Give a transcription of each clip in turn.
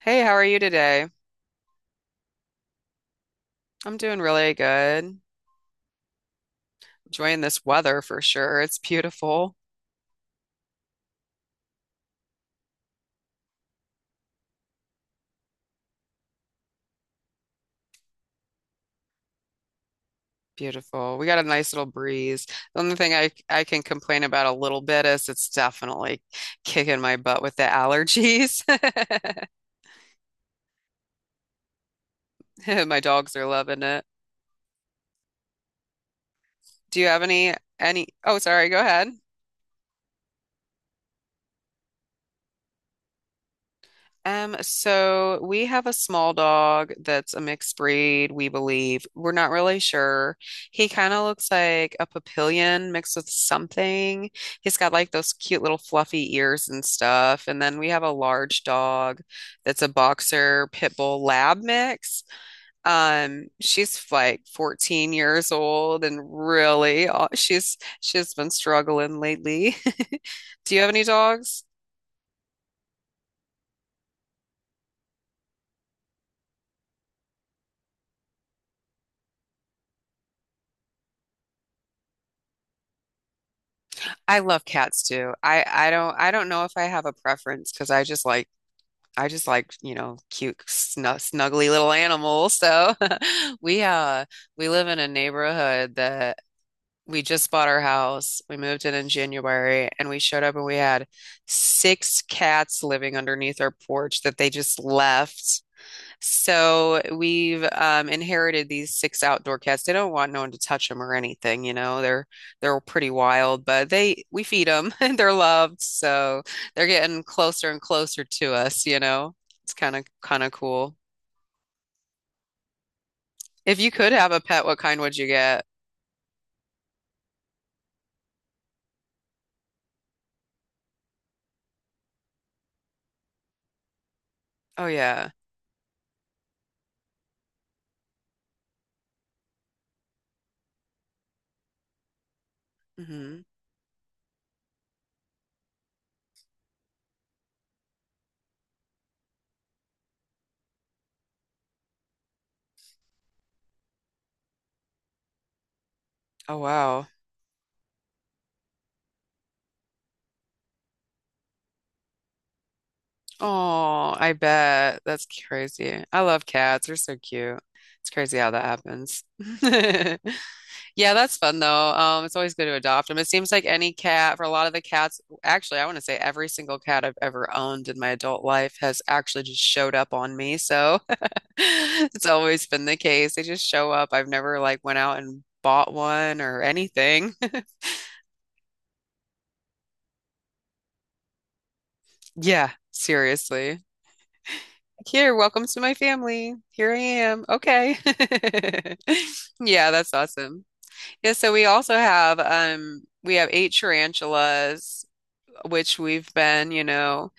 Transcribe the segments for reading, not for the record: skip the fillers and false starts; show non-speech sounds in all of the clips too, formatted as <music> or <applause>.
Hey, how are you today? I'm doing really good. Enjoying this weather for sure. It's beautiful. Beautiful. We got a nice little breeze. The only thing I can complain about a little bit is it's definitely kicking my butt with the allergies. <laughs> My dogs are loving it. Do you have any Oh, sorry, go ahead. So we have a small dog that's a mixed breed, we believe. We're not really sure. He kind of looks like a papillion mixed with something. He's got like those cute little fluffy ears and stuff. And then we have a large dog that's a boxer pit bull lab mix. She's like 14 years old and really, she's been struggling lately. <laughs> Do you have any dogs? I love cats too. I don't know if I have a preference because I just like cute snug, snuggly little animals. So <laughs> we we live in a neighborhood that we just bought our house. We moved in January and we showed up and we had six cats living underneath our porch that they just left. So we've inherited these six outdoor cats. They don't want no one to touch them or anything, you know. They're pretty wild, but they we feed them <laughs> and they're loved, so they're getting closer and closer to us, you know. It's kind of cool. If you could have a pet, what kind would you get? Oh, yeah. Hmm. Oh, wow. Oh, I bet. That's crazy. I love cats. They're so cute. It's crazy how that happens. <laughs> Yeah, that's fun though. It's always good to adopt them. It seems like any cat, for a lot of the cats, actually, I want to say every single cat I've ever owned in my adult life has actually just showed up on me. So <laughs> it's always been the case. They just show up. I've never like went out and bought one or anything. <laughs> Yeah, seriously. Here, welcome to my family. Here I am. Okay. <laughs> Yeah, that's awesome. Yeah, so we also have we have eight tarantulas, which we've been,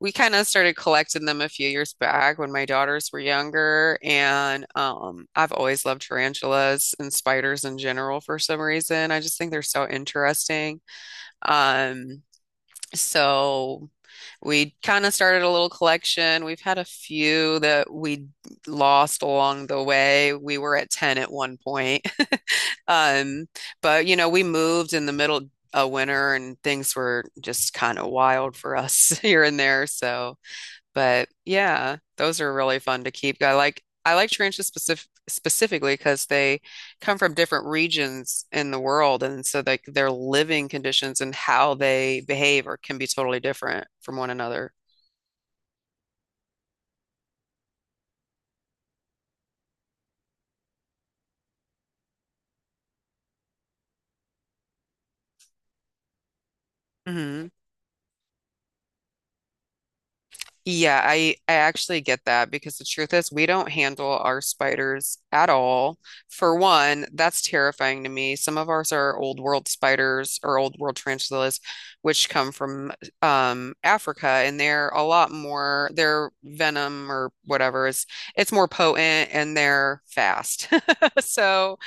We kind of started collecting them a few years back when my daughters were younger, and I've always loved tarantulas and spiders in general for some reason. I just think they're so interesting. Um, so we kind of started a little collection. We've had a few that we lost along the way. We were at 10 at one point. <laughs> Um, but you know, we moved in the middle of winter and things were just kind of wild for us <laughs> here and there. So but yeah, those are really fun to keep. I like tarantulas specifically because they come from different regions in the world, and so like their living conditions and how they behave are can be totally different from one another. Yeah, I actually get that because the truth is we don't handle our spiders at all. For one, that's terrifying to me. Some of ours are old world spiders or old world tarantulas, which come from Africa, and they're a lot more. Their venom or whatever is it's more potent and they're fast. <laughs> So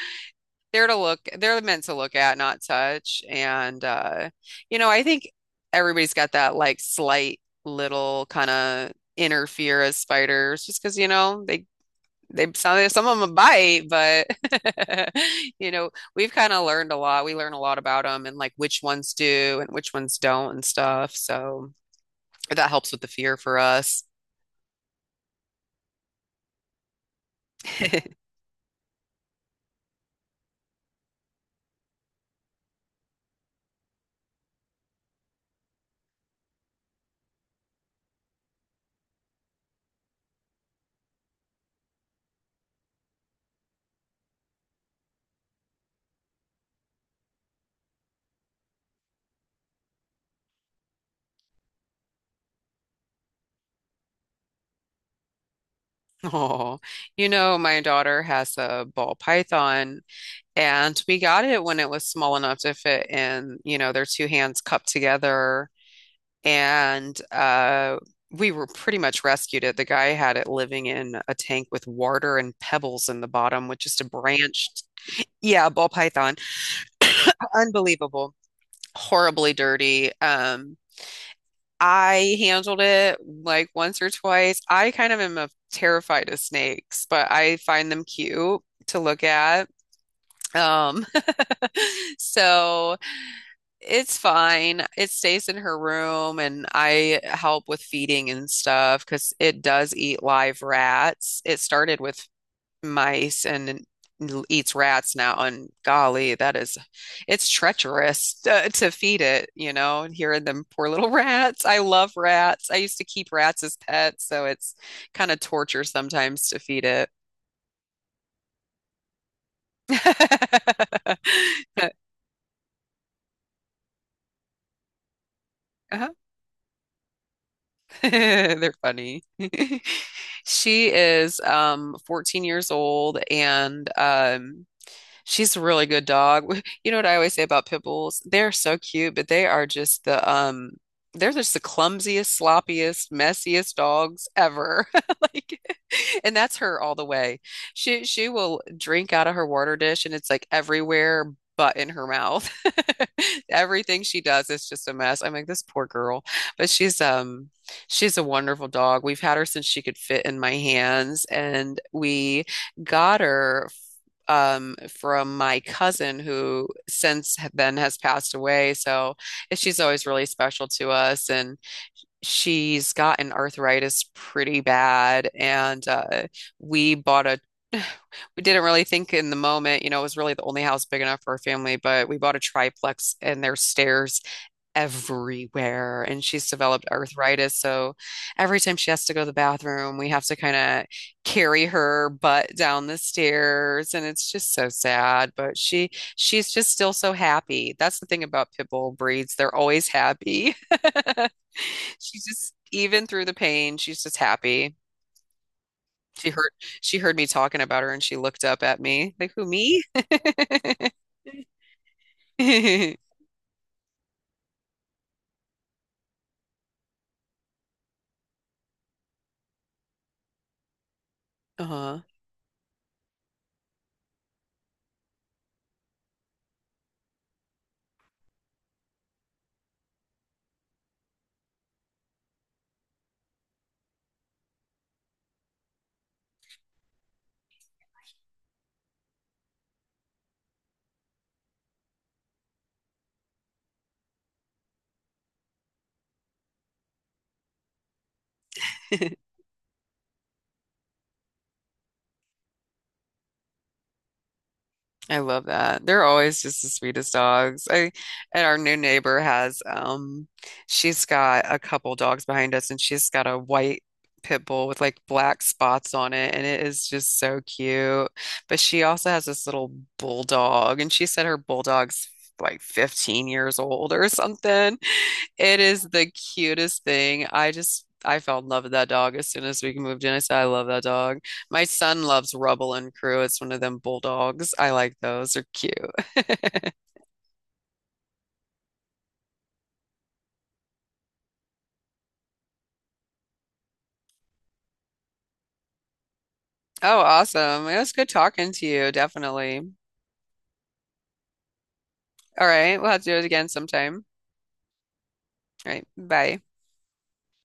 they're to look, they're meant to look at, not touch. And you know, I think everybody's got that like slight little kind of inner fear as spiders, just because, you know, they some of them bite, but <laughs> you know, we've kind of learned a lot. We learn a lot about them and like which ones do and which ones don't and stuff. So that helps with the fear for us. <laughs> Oh, you know, my daughter has a ball python. And we got it when it was small enough to fit in, you know, their two hands cupped together. And we were pretty much rescued it. The guy had it living in a tank with water and pebbles in the bottom with just a branched, yeah, ball python. Unbelievable. Horribly dirty. I handled it like once or twice. I kind of am a, terrified of snakes, but I find them cute to look at. Um, <laughs> so it's fine. It stays in her room, and I help with feeding and stuff because it does eat live rats. It started with mice and eats rats now. And golly, that is, it's treacherous to feed it, you know, and hearing them poor little <laughs> rats. I love rats. I used to keep rats as pets, so it's kind of torture sometimes to feed it. <laughs> Uh-huh. <laughs> They're funny. <laughs> She is 14 years old and she's a really good dog. <laughs> We- You know what I always say about pit bulls? They're so cute, but they are just the they're just the clumsiest, sloppiest, messiest dogs ever. <laughs> Like and that's her all the way. She will drink out of her water dish and it's like everywhere but in her mouth. <laughs> Everything she does is just a mess. I'm like, this poor girl. But she's she's a wonderful dog. We had her since she could fit in my hands and we got her from my cousin who since then has passed away. So she's always really special to us. And she's gotten arthritis pretty bad. And we bought a <sighs> we didn't really think in the moment, you know, it was really the only house big enough for our family, but we bought a triplex and there's stairs everywhere and she's developed arthritis. So every time she has to go to the bathroom, we have to kind of carry her butt down the stairs and it's just so sad, but she's just still so happy. That's the thing about pit bull breeds. They're always happy. <laughs> She's just even through the pain, she's just happy. She heard she heard me talking about her and she looked up at me like, "Who, me?" <laughs> Uh-huh. <laughs> I love that. They're always just the sweetest dogs. I and our new neighbor has she's got a couple dogs behind us and she's got a white pit bull with like black spots on it and it is just so cute. But she also has this little bulldog and she said her bulldog's like 15 years old or something. It is the cutest thing. I fell in love with that dog as soon as we moved in. I said I love that dog. My son loves Rubble and Crew. It's one of them bulldogs. I like those. They're cute. <laughs> Oh, awesome. It was good talking to you, definitely. All right, we'll have to do it again sometime. All right, bye.